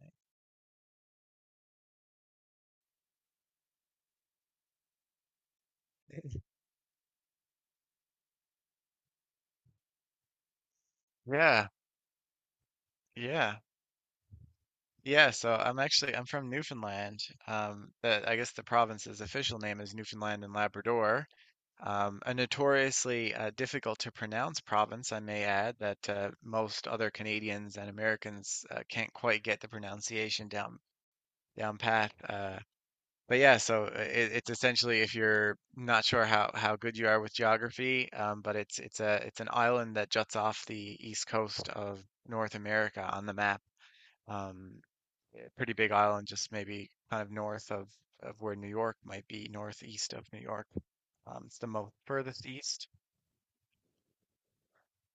Right. Yeah, yeah, yeah. So I'm actually I'm from Newfoundland. I guess the province's official name is Newfoundland and Labrador. A notoriously difficult to pronounce province, I may add, that most other Canadians and Americans can't quite get the pronunciation down pat. But yeah, it's essentially if you're not sure how good you are with geography, but it's an island that juts off the east coast of North America on the map. Um, a pretty big island, just maybe kind of of where New York might be, northeast of New York. It's the most furthest east.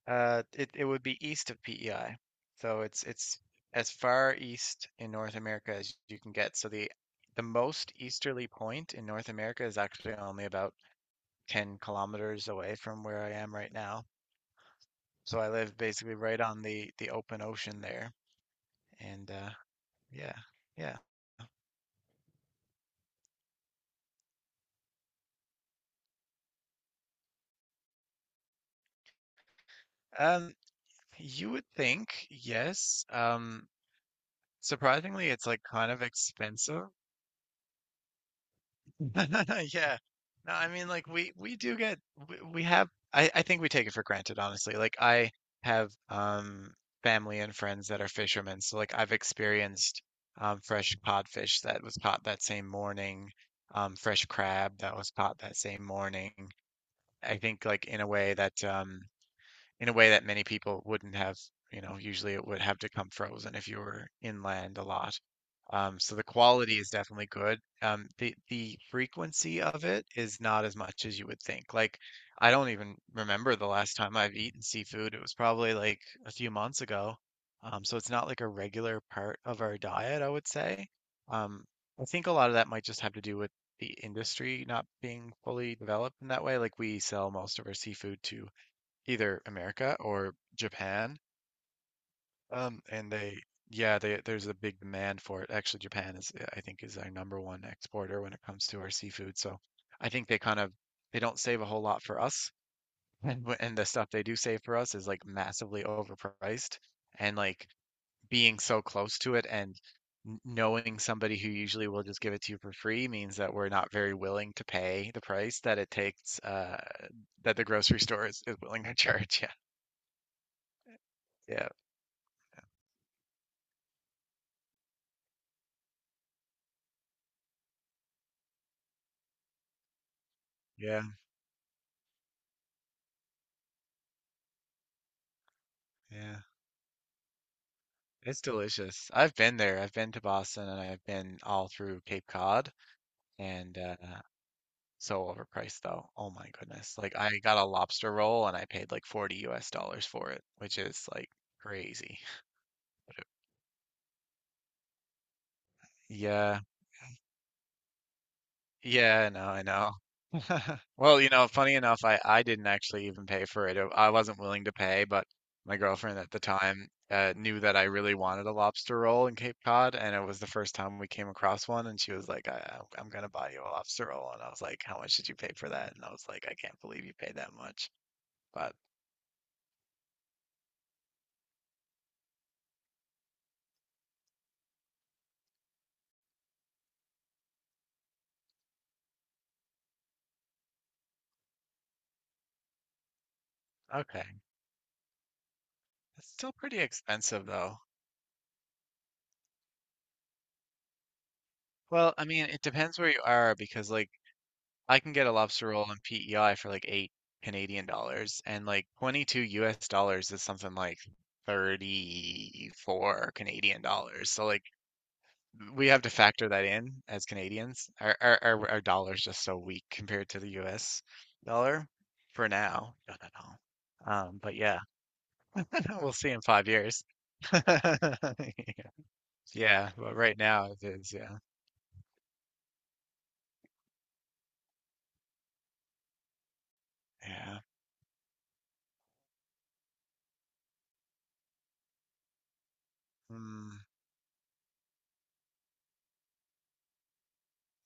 It would be east of PEI, so it's as far east in North America as you can get. So the most easterly point in North America is actually only about 10 kilometers away from where I am right now. So I live basically right on the open ocean there. And yeah. Yeah. Um you would think, yes. Surprisingly it's like kind of expensive. Yeah. No, I mean, like we do get. We have I think we take it for granted, honestly. Like I have family and friends that are fishermen, so like I've experienced fresh codfish that was caught that same morning, fresh crab that was caught that same morning. I think like in a way that in a way that many people wouldn't have, you know, usually it would have to come frozen if you were inland a lot. So the quality is definitely good. The frequency of it is not as much as you would think. Like, I don't even remember the last time I've eaten seafood. It was probably like a few months ago. So it's not like a regular part of our diet, I would say. Um, I think a lot of that might just have to do with the industry not being fully developed in that way. Like we sell most of our seafood to either America or Japan. Um, and they, yeah, there's a big demand for it. Actually, Japan is, I think, is our number one exporter when it comes to our seafood. So I think they kind of they don't save a whole lot for us, and and the stuff they do save for us is like massively overpriced. And like being so close to it and knowing somebody who usually will just give it to you for free means that we're not very willing to pay the price that it takes that the grocery store is willing to charge. Yeah, yeah, yeah. Yeah, it's delicious. I've been there. I've been to Boston and I've been all through Cape Cod and so overpriced though. Oh my goodness. Like I got a lobster roll and I paid like 40 US dollars for it, which is like crazy. yeah. Yeah, I know, I know. Well, you know, funny enough, I didn't actually even pay for it. I wasn't willing to pay, but my girlfriend at the time knew that I really wanted a lobster roll in Cape Cod, and it was the first time we came across one, and she was like, "I'm gonna buy you a lobster roll," and I was like, "How much did you pay for that?" And I was like, "I can't believe you paid that much." But okay, it's still pretty expensive though. Well, I mean, it depends where you are because like. I can get a lobster roll in PEI for like eight Canadian dollars, and like 22 US dollars is something like 34 Canadian dollars. So like we have to factor that in as Canadians. Our dollar's just so weak compared to the US dollar for now. Don't know. But yeah, we'll see in 5 years. Yeah, but right now it is. Yeah, yeah. Mm,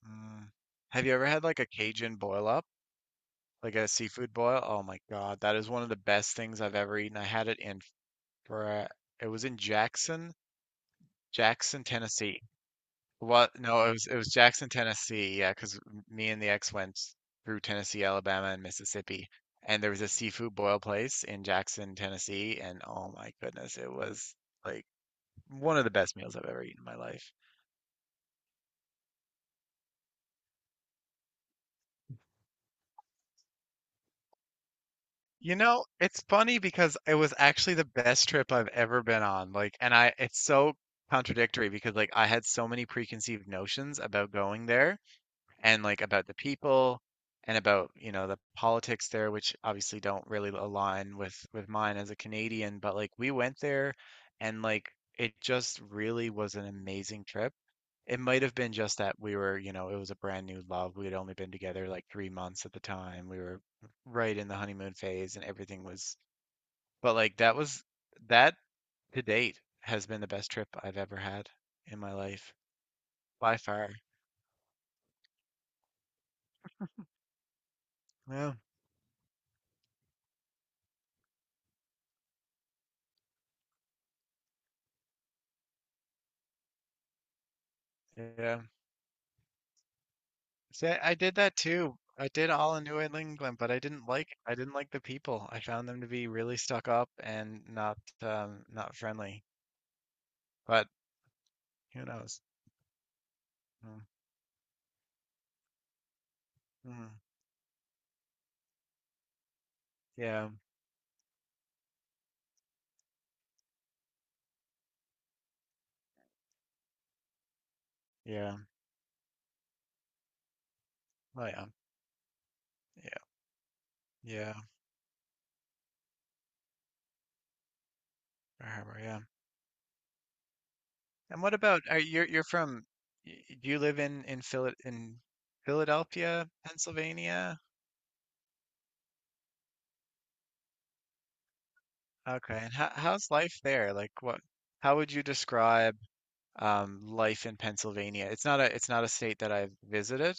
mm. Have you ever had like a Cajun boil up? Like a seafood boil. Oh my God, that is one of the best things I've ever eaten. I had it in for. It was in Jackson, Tennessee. What? No, it was Jackson, Tennessee. Yeah, because me and the ex went through Tennessee, Alabama, and Mississippi, and there was a seafood boil place in Jackson, Tennessee, and oh my goodness, it was like one of the best meals I've ever eaten in my life. You know, it's funny because it was actually the best trip I've ever been on. It's so contradictory because like I had so many preconceived notions about going there and like about the people and about you know the politics there, which obviously don't really align with mine as a Canadian, but like we went there and like it just really was an amazing trip. It might have been just that we were, you know, it was a brand new love. We had only been together like 3 months at the time. We were right in the honeymoon phase and everything was, but like that was that to date has been the best trip I've ever had in my life, by far. Yeah, yeah. See, I did that too. I did all in New England, but I didn't like the people. I found them to be really stuck up and not not friendly. But who knows? Mm, mhm. Yeah, yeah. Oh yeah, yeah, yeah. Bar Harbor, yeah. And what about are you're from? Do you live in Phil in Philadelphia, Pennsylvania? Okay. And how's life there? Like what? How would you describe? Life in Pennsylvania. It's not a state that I've visited.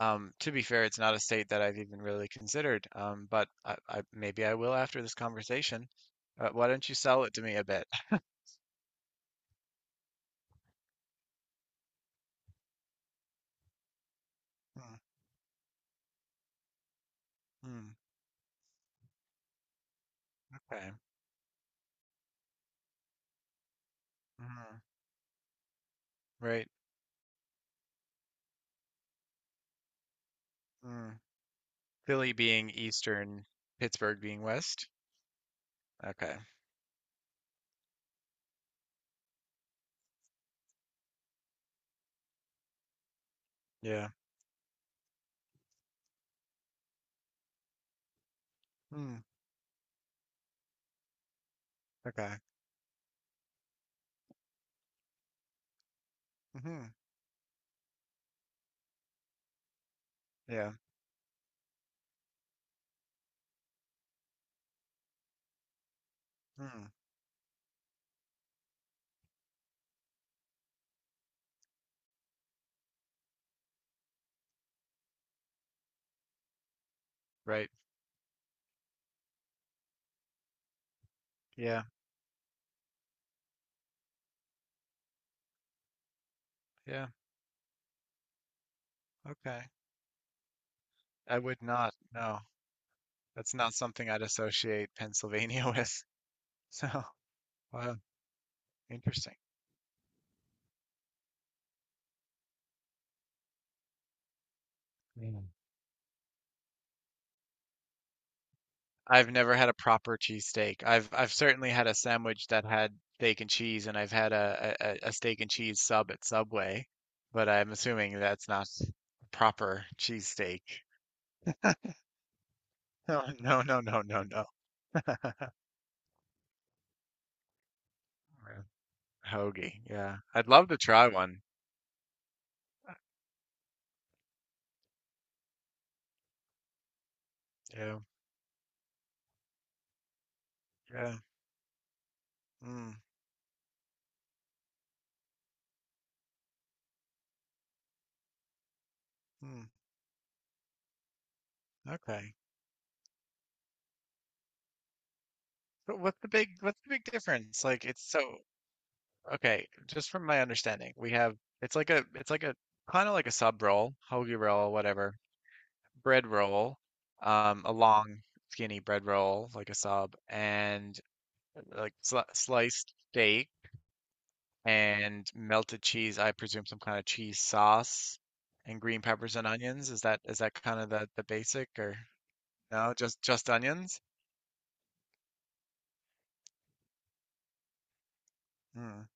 To be fair, it's not a state that I've even really considered. But maybe I will after this conversation. Why don't you sell it to me a bit? Mm, mm, okay. Mm, right. Mm. Philly being eastern, Pittsburgh being west. Okay. Yeah. Mm, okay. Hmm. Yeah. Mm, right. Yeah. Yeah. Okay. I would not. No, that's not something I'd associate Pennsylvania with. So, wow, interesting. Yeah, I've never had a proper cheesesteak. I've certainly had a sandwich that had steak and cheese, and I've had a steak and cheese sub at Subway, but I'm assuming that's not a proper cheesesteak. No, no, no, no, no, no. Yeah. Hoagie. Yeah. I'd love to try one. Yeah. Yeah. Mm, mm, okay. But what's the big difference? Like it's so okay, just from my understanding, we have it's like a kind of like a sub roll, hoagie roll, whatever, bread roll, a long skinny bread roll like a sub, and sliced steak and melted cheese. I presume some kind of cheese sauce and green peppers and onions. Is that kind of the basic or no? Just onions? Hmm.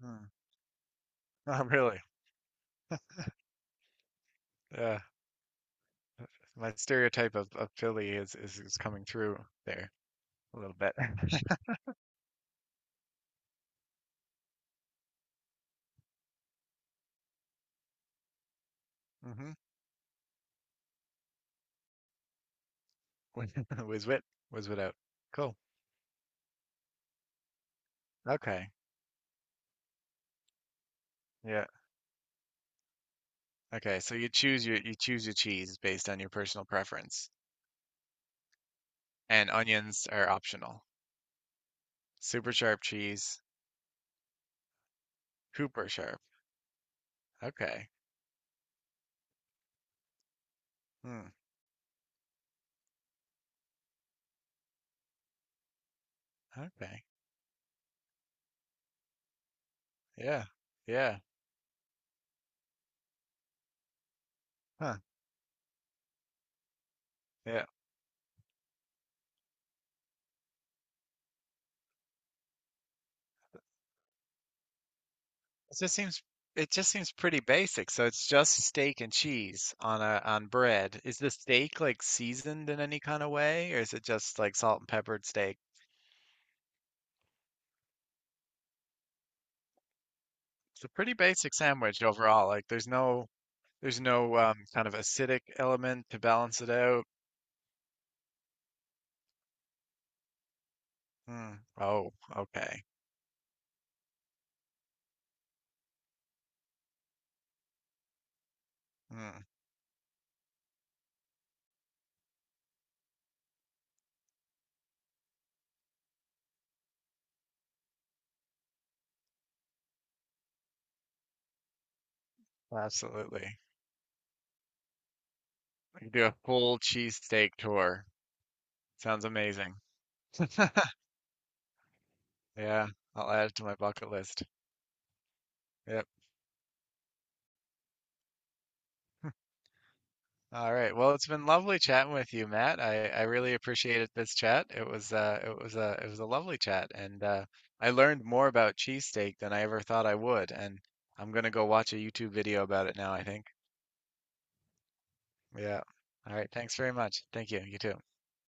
Hmm. Not really. Yeah, my stereotype of Philly is is coming through there a little bit. Mm-hmm. Was was wit was without. Cool. Okay. Yeah. Okay. So you choose your cheese based on your personal preference, and onions are optional. Super sharp cheese, Cooper sharp. Okay. Hmm. Okay. Yeah. Yeah. Huh. Yeah. It just seems it just seems pretty basic. So it's just steak and cheese on a on bread. Is the steak like seasoned in any kind of way, or is it just like salt and peppered steak? It's a pretty basic sandwich overall. Like there's no kind of acidic element to balance it out. Mm. Oh, okay. Mm. Absolutely. We could do a full cheesesteak tour. Sounds amazing. Yeah, I'll add it to my bucket list. Yep. All right. Well, it's been lovely chatting with you, Matt. I really appreciated this chat. It was a lovely chat and I learned more about cheesesteak than I ever thought I would, and I'm gonna go watch a YouTube video about it now, I think. Yeah. All right. Thanks very much. Thank you. You too.